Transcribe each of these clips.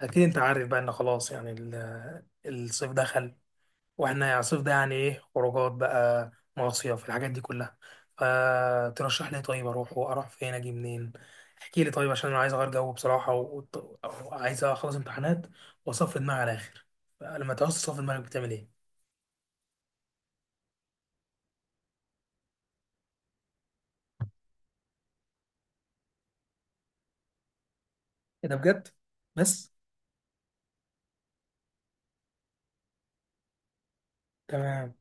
اكيد انت عارف بقى ان خلاص يعني الصيف دخل. واحنا يعني الصيف ده يعني ايه، خروجات بقى، مصيف، الحاجات دي كلها. فترشح لي إيه طيب، اروح واروح فين، اجي منين؟ احكي لي طيب، عشان انا عايز اغير جو بصراحه وعايز اخلص امتحانات واصفي دماغي على الاخر. لما تعوز تصفي دماغك بتعمل ايه؟ ايه ده بجد؟ بس. تمام.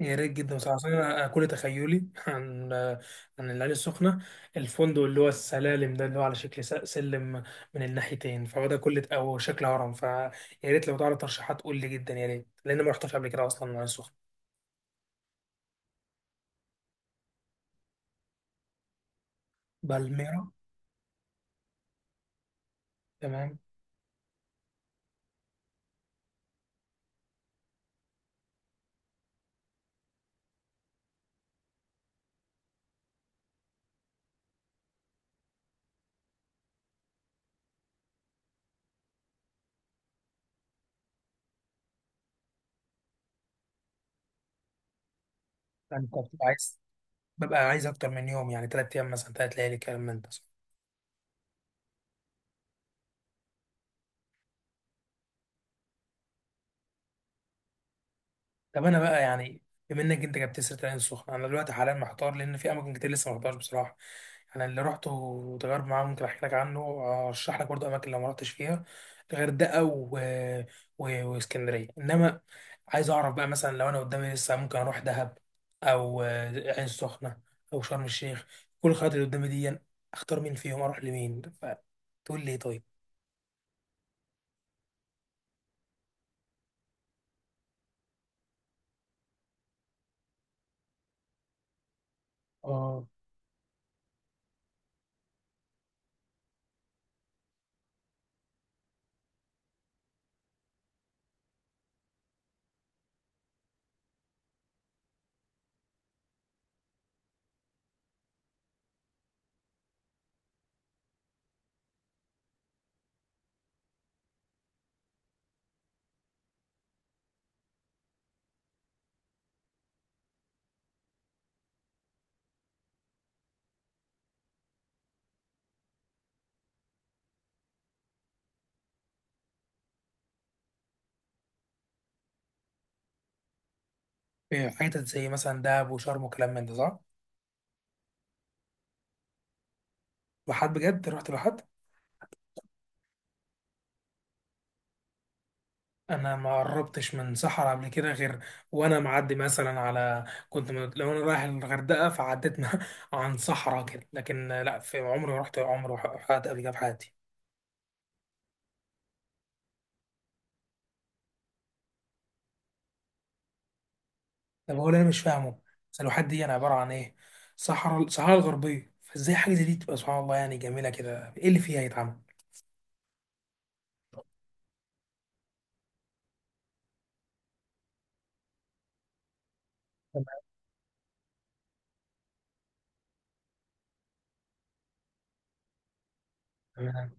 يا ريت جدا بصراحة، أصل أنا كل تخيلي عن عن العين السخنة الفندق اللي هو السلالم ده، اللي هو على شكل سلم من الناحيتين، فهو ده كل أو شكل هرم. فيا ريت لو تعرف ترشيحات قول لي، جدا يا ريت، لأن ما رحتش قبل كده أصلا العين السخنة. بالميرا. تمام. أنت بتبقى عايز؟ ببقى عايز أكتر من يوم، يعني تلات أيام مثلا، تلات ليالي، كلام من ده. طب انا بقى يعني، بما انك انت جبت سيره العين السخنه، انا دلوقتي حاليا محتار، لان في اماكن كتير لسه ما رحتهاش بصراحه. يعني اللي رحته وتجارب معاه ممكن احكي لك عنه وارشح لك برضه اماكن لو ما رحتش فيها. الغردقه واسكندريه، انما عايز اعرف بقى مثلا لو انا قدامي لسه ممكن اروح دهب، او العين السخنه، او شرم الشيخ. كل الخيارات اللي قدامي دي اختار مين فيهم، اروح لمين، فتقول لي إيه طيب؟ اه. إيه، حتت زي مثلا دهب وشرم وكلام من ده صح؟ بحد بجد رحت بحد؟ انا ما قربتش من صحراء قبل كده غير وانا معدي مثلا على، كنت لو انا رايح الغردقه فعديت عن صحراء كده، لكن لا، في عمري ما رحت، عمري حد قبل كده في حياتي. طب هو اللي انا مش فاهمه السلوحات دي انا، عباره عن ايه؟ صحراء، الصحراء الغربيه، فازاي حاجه زي دي تبقى سبحان الله يعني جميله كده، ايه اللي فيها يتعمل؟ تمام.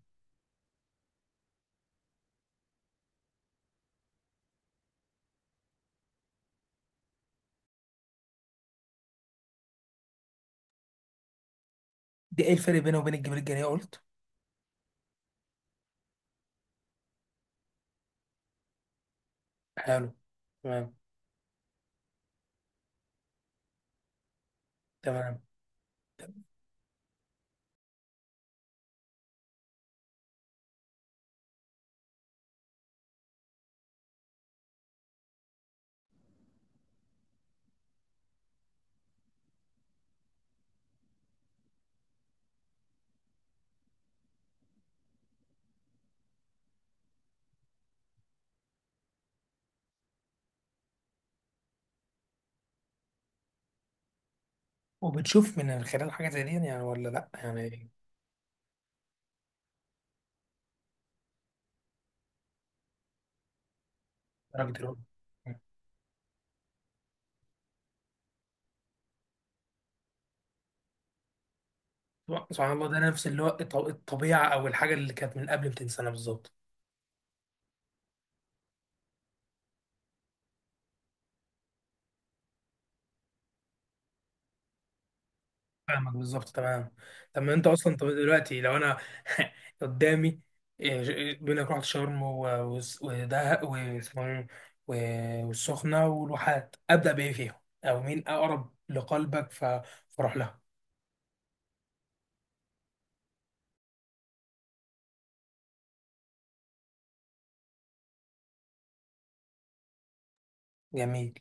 دي ايه الفرق بينه وبين الجبال الجنيه قلت؟ حلو. تمام. تمام. وبتشوف من خلال حاجه زي دي يعني ولا لا يعني؟ درجه الرؤية. سبحان الله، ده نفس اللي هو الطبيعه او الحاجه اللي كانت من قبل 200 سنه بالظبط. فاهمك بالظبط، تمام. طب ما انت اصلا، طب دلوقتي لو انا قدامي، إيه، إيه، بيقول لك رحت شرم ودهب واسمه إيه؟ والسخنه والواحات، ابدا بايه فيهم؟ او مين اقرب لقلبك ف- فاروح لها؟ جميل.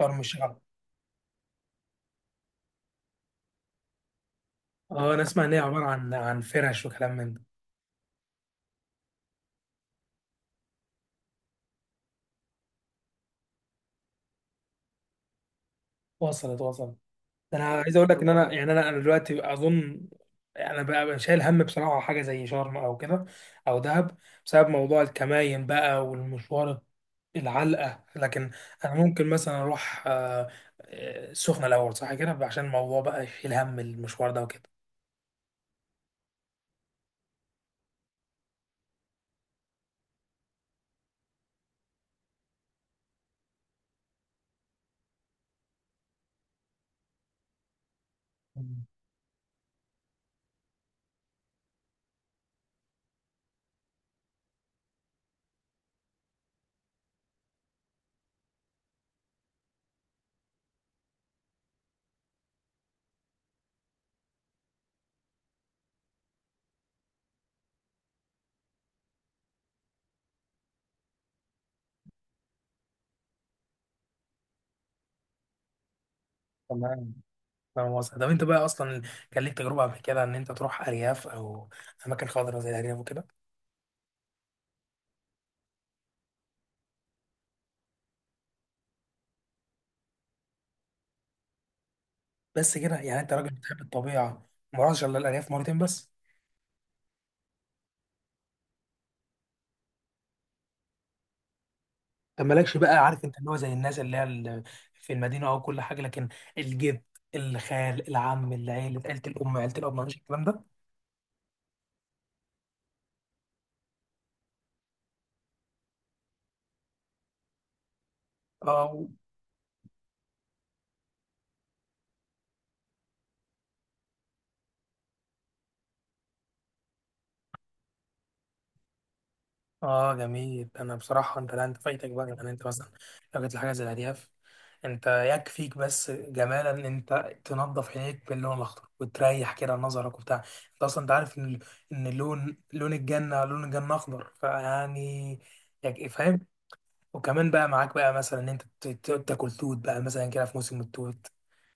شرم الشيخ. اه، انا اسمع ان هي عباره عن عن فرش وكلام من ده. وصلت، وصلت. انا عايز اقول لك ان انا يعني، انا دلوقتي اظن انا بقى شايل هم بصراحه حاجه زي شرم او كده، او دهب، بسبب موضوع الكماين بقى والمشوار العلقه. لكن انا ممكن مثلا اروح السخنه الاول صح كده، عشان الموضوع بقى شيل هم المشوار ده وكده. مم. تمام. فاهم قصدك. طب انت بقى اصلا كان ليك تجربه قبل كده ان انت تروح ارياف او اماكن خضراء زي الارياف وكده؟ بس كده يعني انت راجل بتحب الطبيعه، ما رحتش الا الارياف مرتين بس؟ طب مالكش بقى، عارف، انت اللي هو زي الناس اللي هي في المدينه او كل حاجه، لكن الجد، الخال، العم، العيله، عيله الام، عيله الاب، مالكش الكلام ده؟ اه. اه جميل. انا بصراحه، انت، لا انت فايتك بقى، يعني انت مثلا لو جت لحاجه زي الهدياف، انت يكفيك بس جمالا ان انت تنظف عينيك باللون الاخضر وتريح كده نظرك وبتاع. انت اصلا انت عارف ان ان لون، لون الجنه، لون الجنه اخضر، فيعني، يعني فاهم. وكمان بقى معاك بقى مثلا ان انت تاكل توت بقى مثلا كده في موسم التوت.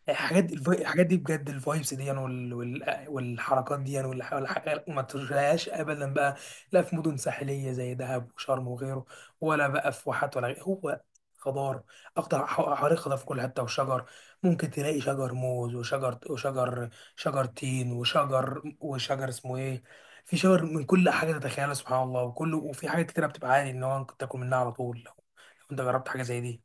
الحاجات الحاجات دي بجد، الفايبس دي يعني، والحركات دي ما تشوفهاش ابدا بقى، لا في مدن ساحليه زي دهب وشرم وغيره، ولا بقى في واحات ولا غيره. هو خضار، اخضر، حواليه خضار في كل حته وشجر. ممكن تلاقي شجر موز وشجر شجر تين وشجر اسمه ايه، في شجر من كل حاجه تتخيلها سبحان الله، وكله، وفي حاجات كتير بتبقى عادي ان هو ممكن تاكل منها على طول، لو لو انت جربت حاجه زي دي.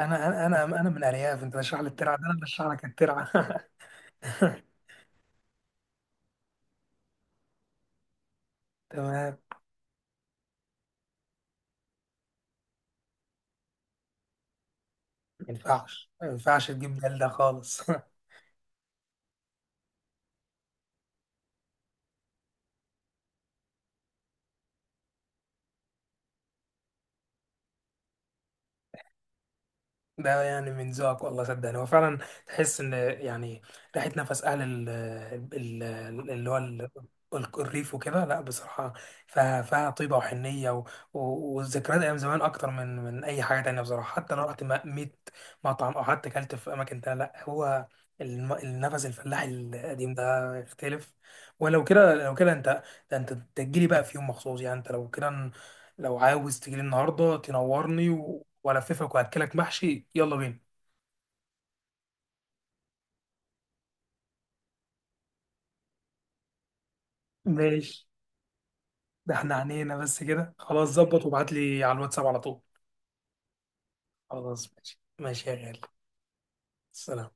انا من ارياف، انت بشرح لي الترعه ده، انا بشرح لك الترعه. تمام. ما ينفعش، ما ينفعش تجيب دلده خالص. ده يعني من ذوقك، والله صدقني هو فعلا، تحس ان يعني ريحه نفس اهل ال، ال-، اللي هو ال-، الريف وكده، لا بصراحه، فيها فيها طيبه وحنيه و- و- والذكريات ايام زمان، اكتر من من اي حاجه تانية بصراحه. حتى لو رحت 100 مطعم او حتى اكلت في اماكن تانية، لا، هو النفس الفلاحي القديم ده يختلف. ولو كده، لو كده انت، ده انت تجيلي بقى في يوم مخصوص يعني. انت لو كده، لو عاوز تجيلي النهارده تنورني والففك واكلك محشي، يلا بينا. ماشي. ده احنا عنينا بس كده، خلاص ظبط وابعت لي على الواتساب على طول. خلاص ماشي ماشي يا غالي. سلام.